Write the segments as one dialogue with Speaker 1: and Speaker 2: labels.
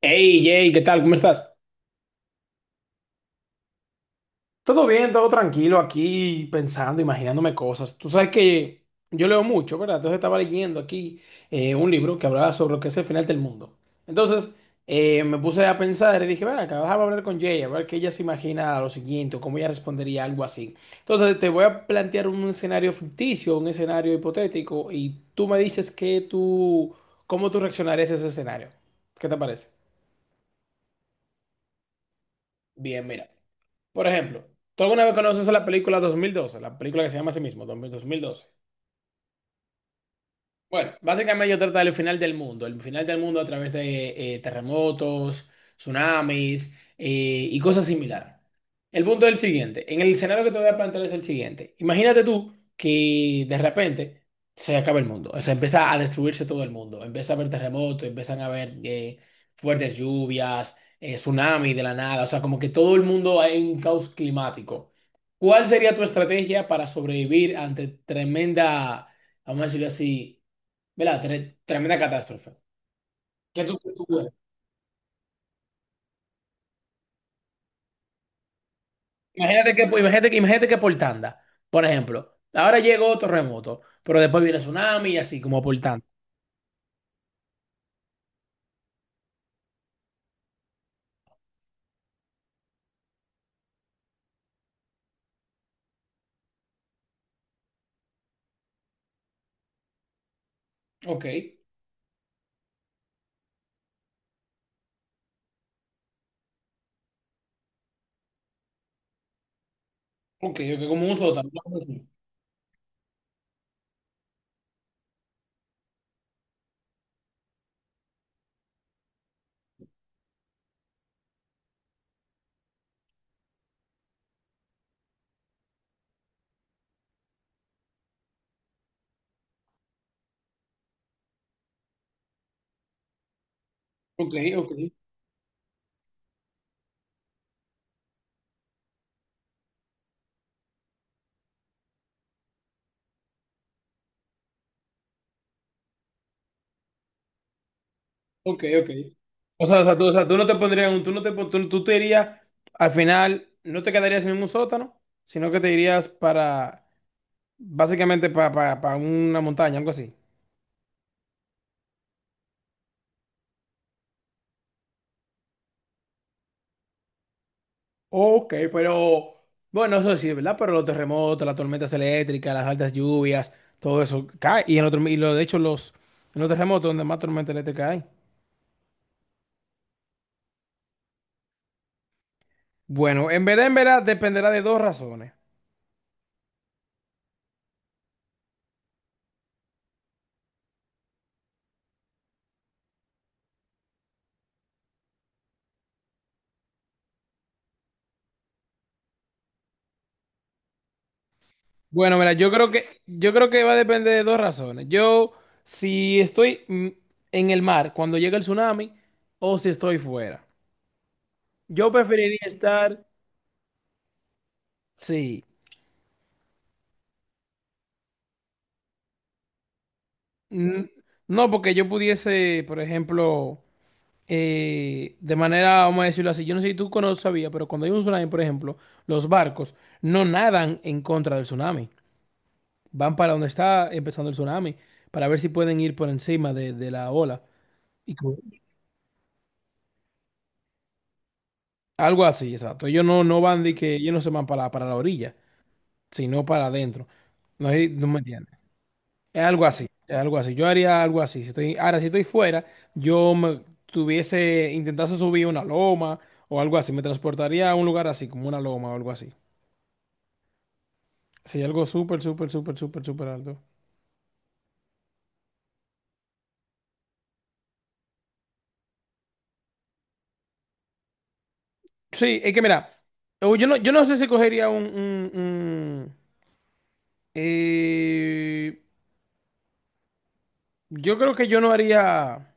Speaker 1: Hey, Jay, ¿qué tal? ¿Cómo estás? Todo bien, todo tranquilo aquí, pensando, imaginándome cosas. Tú sabes que yo leo mucho, ¿verdad? Entonces estaba leyendo aquí un libro que hablaba sobre lo que es el final del mundo. Entonces Me puse a pensar y dije, bueno, acá déjame hablar con Jay, a ver qué ella se imagina lo siguiente o cómo ella respondería a algo así. Entonces te voy a plantear un escenario ficticio, un escenario hipotético, y tú me dices que tú, cómo tú reaccionarías a ese escenario. ¿Qué te parece? Bien, mira. Por ejemplo, ¿tú alguna vez conoces la película 2012? La película que se llama así mismo, 2012. Bueno, básicamente yo trata del final del mundo, el final del mundo a través de terremotos, tsunamis y cosas similares. El punto es el siguiente, en el escenario que te voy a plantear es el siguiente. Imagínate tú que de repente se acaba el mundo, o sea, empieza a destruirse todo el mundo, empieza a haber terremotos, empiezan a haber fuertes lluvias, tsunamis de la nada, o sea, como que todo el mundo hay un caos climático. ¿Cuál sería tu estrategia para sobrevivir ante tremenda, vamos a decirlo así? ¿Verdad? Tremenda catástrofe. ¿Qué qué tú puedes? Imagínate que por tanda, por ejemplo, ahora llegó terremoto, pero después viene tsunami y así como por tanda. Ok, ok, como un sótano, una cosa así. Ok, ok, ok. O sea, tú, o sea, tú no te pondrías, tú no te, tú, tú te irías, al final, no te quedarías en un sótano, sino que te irías para, básicamente, para una montaña, algo así. Ok, pero bueno, eso sí, ¿verdad? Pero los terremotos, las tormentas eléctricas, las altas lluvias, todo eso cae. Y, en otro, y lo, de hecho, los, en los terremotos donde más tormenta eléctrica hay. Bueno, en verdad, dependerá de dos razones. Bueno, mira, yo creo que va a depender de dos razones. Yo, si estoy en el mar cuando llega el tsunami o si estoy fuera. Yo preferiría estar, sí. Mm, No, porque yo pudiese, por ejemplo. De manera, vamos a decirlo así, yo no sé si sabías, pero cuando hay un tsunami, por ejemplo, los barcos no nadan en contra del tsunami, van para donde está empezando el tsunami, para ver si pueden ir por encima de la ola. Y co- Algo así, exacto. Ellos no, no van de que ellos no se van para la orilla, sino para adentro. No, sé no me entiendes. Es algo así, es algo así. Yo haría algo así. Si estoy, ahora, si estoy fuera, yo me tuviese, intentase subir una loma o algo así. Me transportaría a un lugar así, como una loma o algo así. Sí, algo súper, súper, súper, súper, súper alto. Sí, es que mira, o yo no, yo no sé si cogería un, eh, yo creo que yo no haría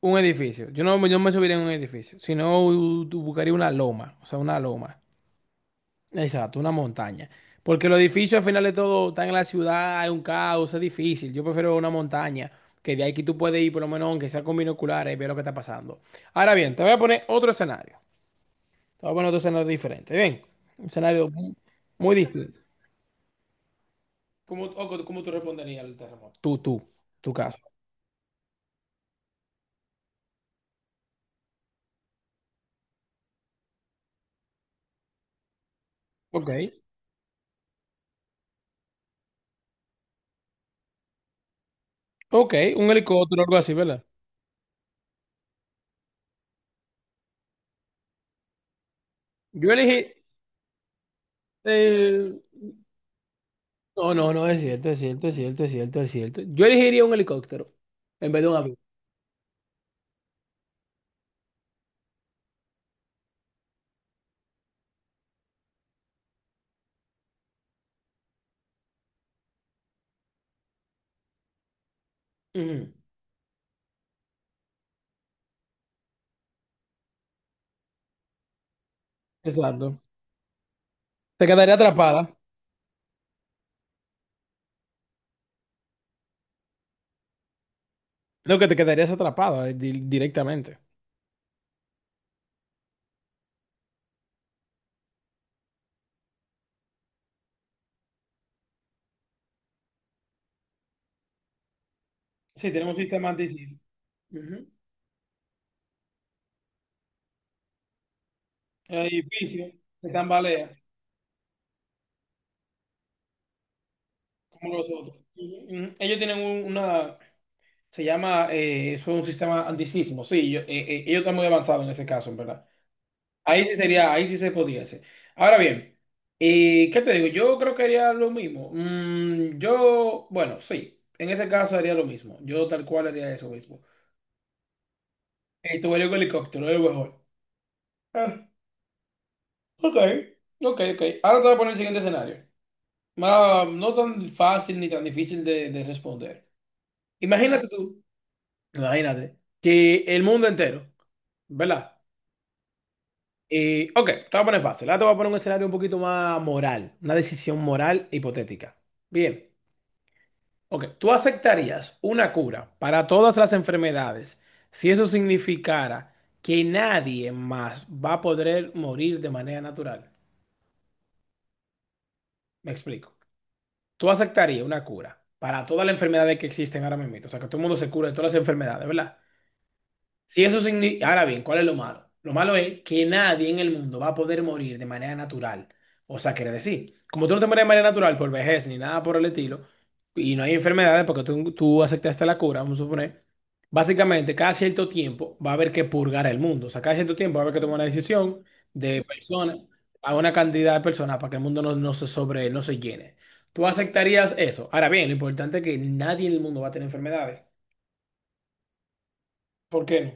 Speaker 1: un edificio. Yo no, yo no me subiría en un edificio, sino buscaría una loma, o sea, una loma. Exacto, una montaña. Porque los edificios al final de todo están en la ciudad, hay un caos, es difícil. Yo prefiero una montaña, que de ahí que tú puedes ir por lo menos, aunque sea con binoculares, y ver lo que está pasando. Ahora bien, te voy a poner otro escenario. Estaba bueno otro escenario diferente. Bien, un escenario muy, muy distinto. ¿Cómo, cómo tú responderías al terremoto? Tú, tu caso. Ok, ok, un helicóptero o algo así, ¿verdad? Yo elegí. eh, No, no, no, es cierto, es cierto, es cierto, es cierto, es cierto. Yo elegiría un helicóptero en vez de un avión. Ujú. Exacto. Te quedaría atrapada. No, que te quedarías atrapada directamente. Sí, tenemos un sistema antisísmico. Ujú. El edificio se tambalea, como los otros. Ujú, ujú. Ellos tienen una, se llama, eso es un sistema antisísmico. Sí, ellos están muy avanzados en ese caso, en verdad. Ahí sí sería, ahí sí se podía hacer. Ahora bien, ¿qué te digo? Yo creo que haría lo mismo. Yo, bueno, sí, en ese caso haría lo mismo. Yo tal cual haría eso mismo. Tu vuelo con helicóptero, es lo mejor. Ah, ok, ok, ok. Ahora te voy a poner el siguiente escenario. No tan fácil ni tan difícil de responder. Imagínate tú, imagínate, que el mundo entero, ¿verdad? Y, ok, te voy a poner fácil. Ahora te voy a poner un escenario un poquito más moral, una decisión moral hipotética. Bien, ok, ¿tú aceptarías una cura para todas las enfermedades si eso significara que nadie más va a poder morir de manera natural? Me explico. ¿Tú aceptarías una cura para todas las enfermedades que existen ahora mismo? O sea, que todo el mundo se cura de todas las enfermedades, ¿verdad? Si eso significa... Ahora bien, ¿cuál es lo malo? Lo malo es que nadie en el mundo va a poder morir de manera natural. O sea, quiere decir, como tú no te mueres de manera natural por vejez ni nada por el estilo, y no hay enfermedades porque tú aceptaste la cura, vamos a suponer, básicamente cada cierto tiempo va a haber que purgar el mundo. O sea, cada cierto tiempo va a haber que tomar una decisión de personas a una cantidad de personas para que el mundo no, no se sobre, no se llene. ¿Tú aceptarías eso? Ahora bien, lo importante es que nadie en el mundo va a tener enfermedades. ¿Por qué no?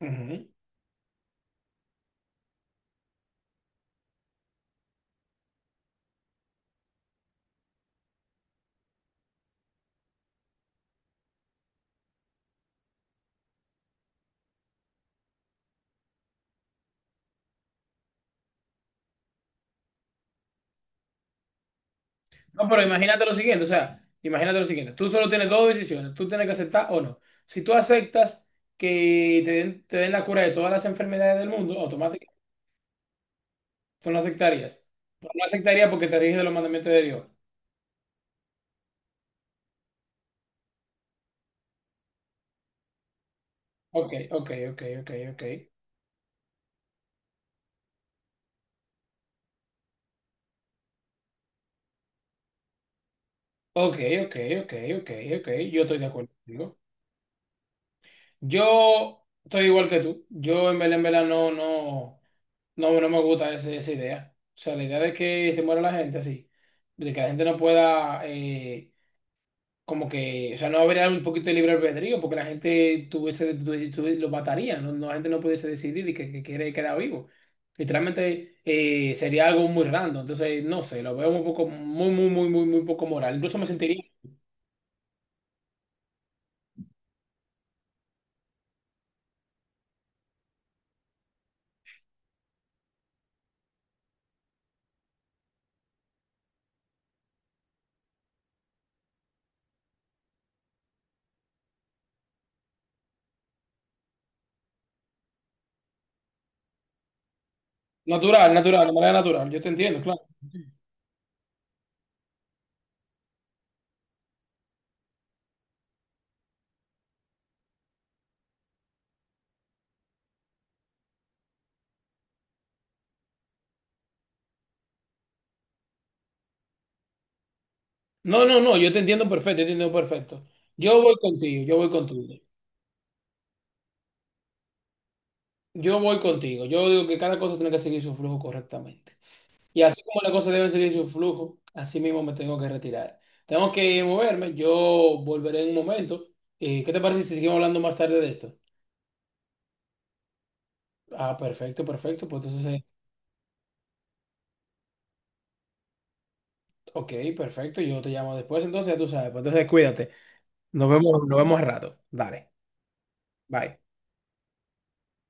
Speaker 1: Ujú. No, pero imagínate lo siguiente, o sea, imagínate lo siguiente, tú solo tienes dos decisiones, tú tienes que aceptar o no. Si tú aceptas que te den la cura de todas las enfermedades del mundo, automáticamente tú no aceptarías. Tú no aceptarías porque te riges de los mandamientos de Dios. Ok, ok, ok, ok, ok. Ok, ok, ok, ok, ok. Yo estoy de acuerdo contigo. Yo estoy igual que tú. Yo en verdad, no, no, no, no me gusta esa idea. O sea, la idea de que se muera la gente así, de que la gente no pueda... como que, o sea, no habría un poquito de libre albedrío, porque la gente tuviese, lo mataría, no, no, la gente no pudiese decidir y que quiere quedar vivo. Literalmente sería algo muy random, entonces no sé, lo veo un poco, muy, muy, muy, muy, muy poco moral. Incluso me sentiría natural, natural, de manera natural, yo te entiendo, claro. No, no, no, yo te entiendo perfecto, yo te entiendo perfecto. Yo voy contigo, yo voy contigo, yo voy contigo, yo digo que cada cosa tiene que seguir su flujo correctamente. Y así como las cosas deben seguir su flujo, así mismo me tengo que retirar. Tengo que moverme, yo volveré en un momento. ¿Qué te parece si seguimos hablando más tarde de esto? Ah, perfecto, perfecto. Pues entonces, ok, perfecto. Yo te llamo después, entonces ya tú sabes. Pues entonces cuídate. Nos vemos al rato. Dale, bye.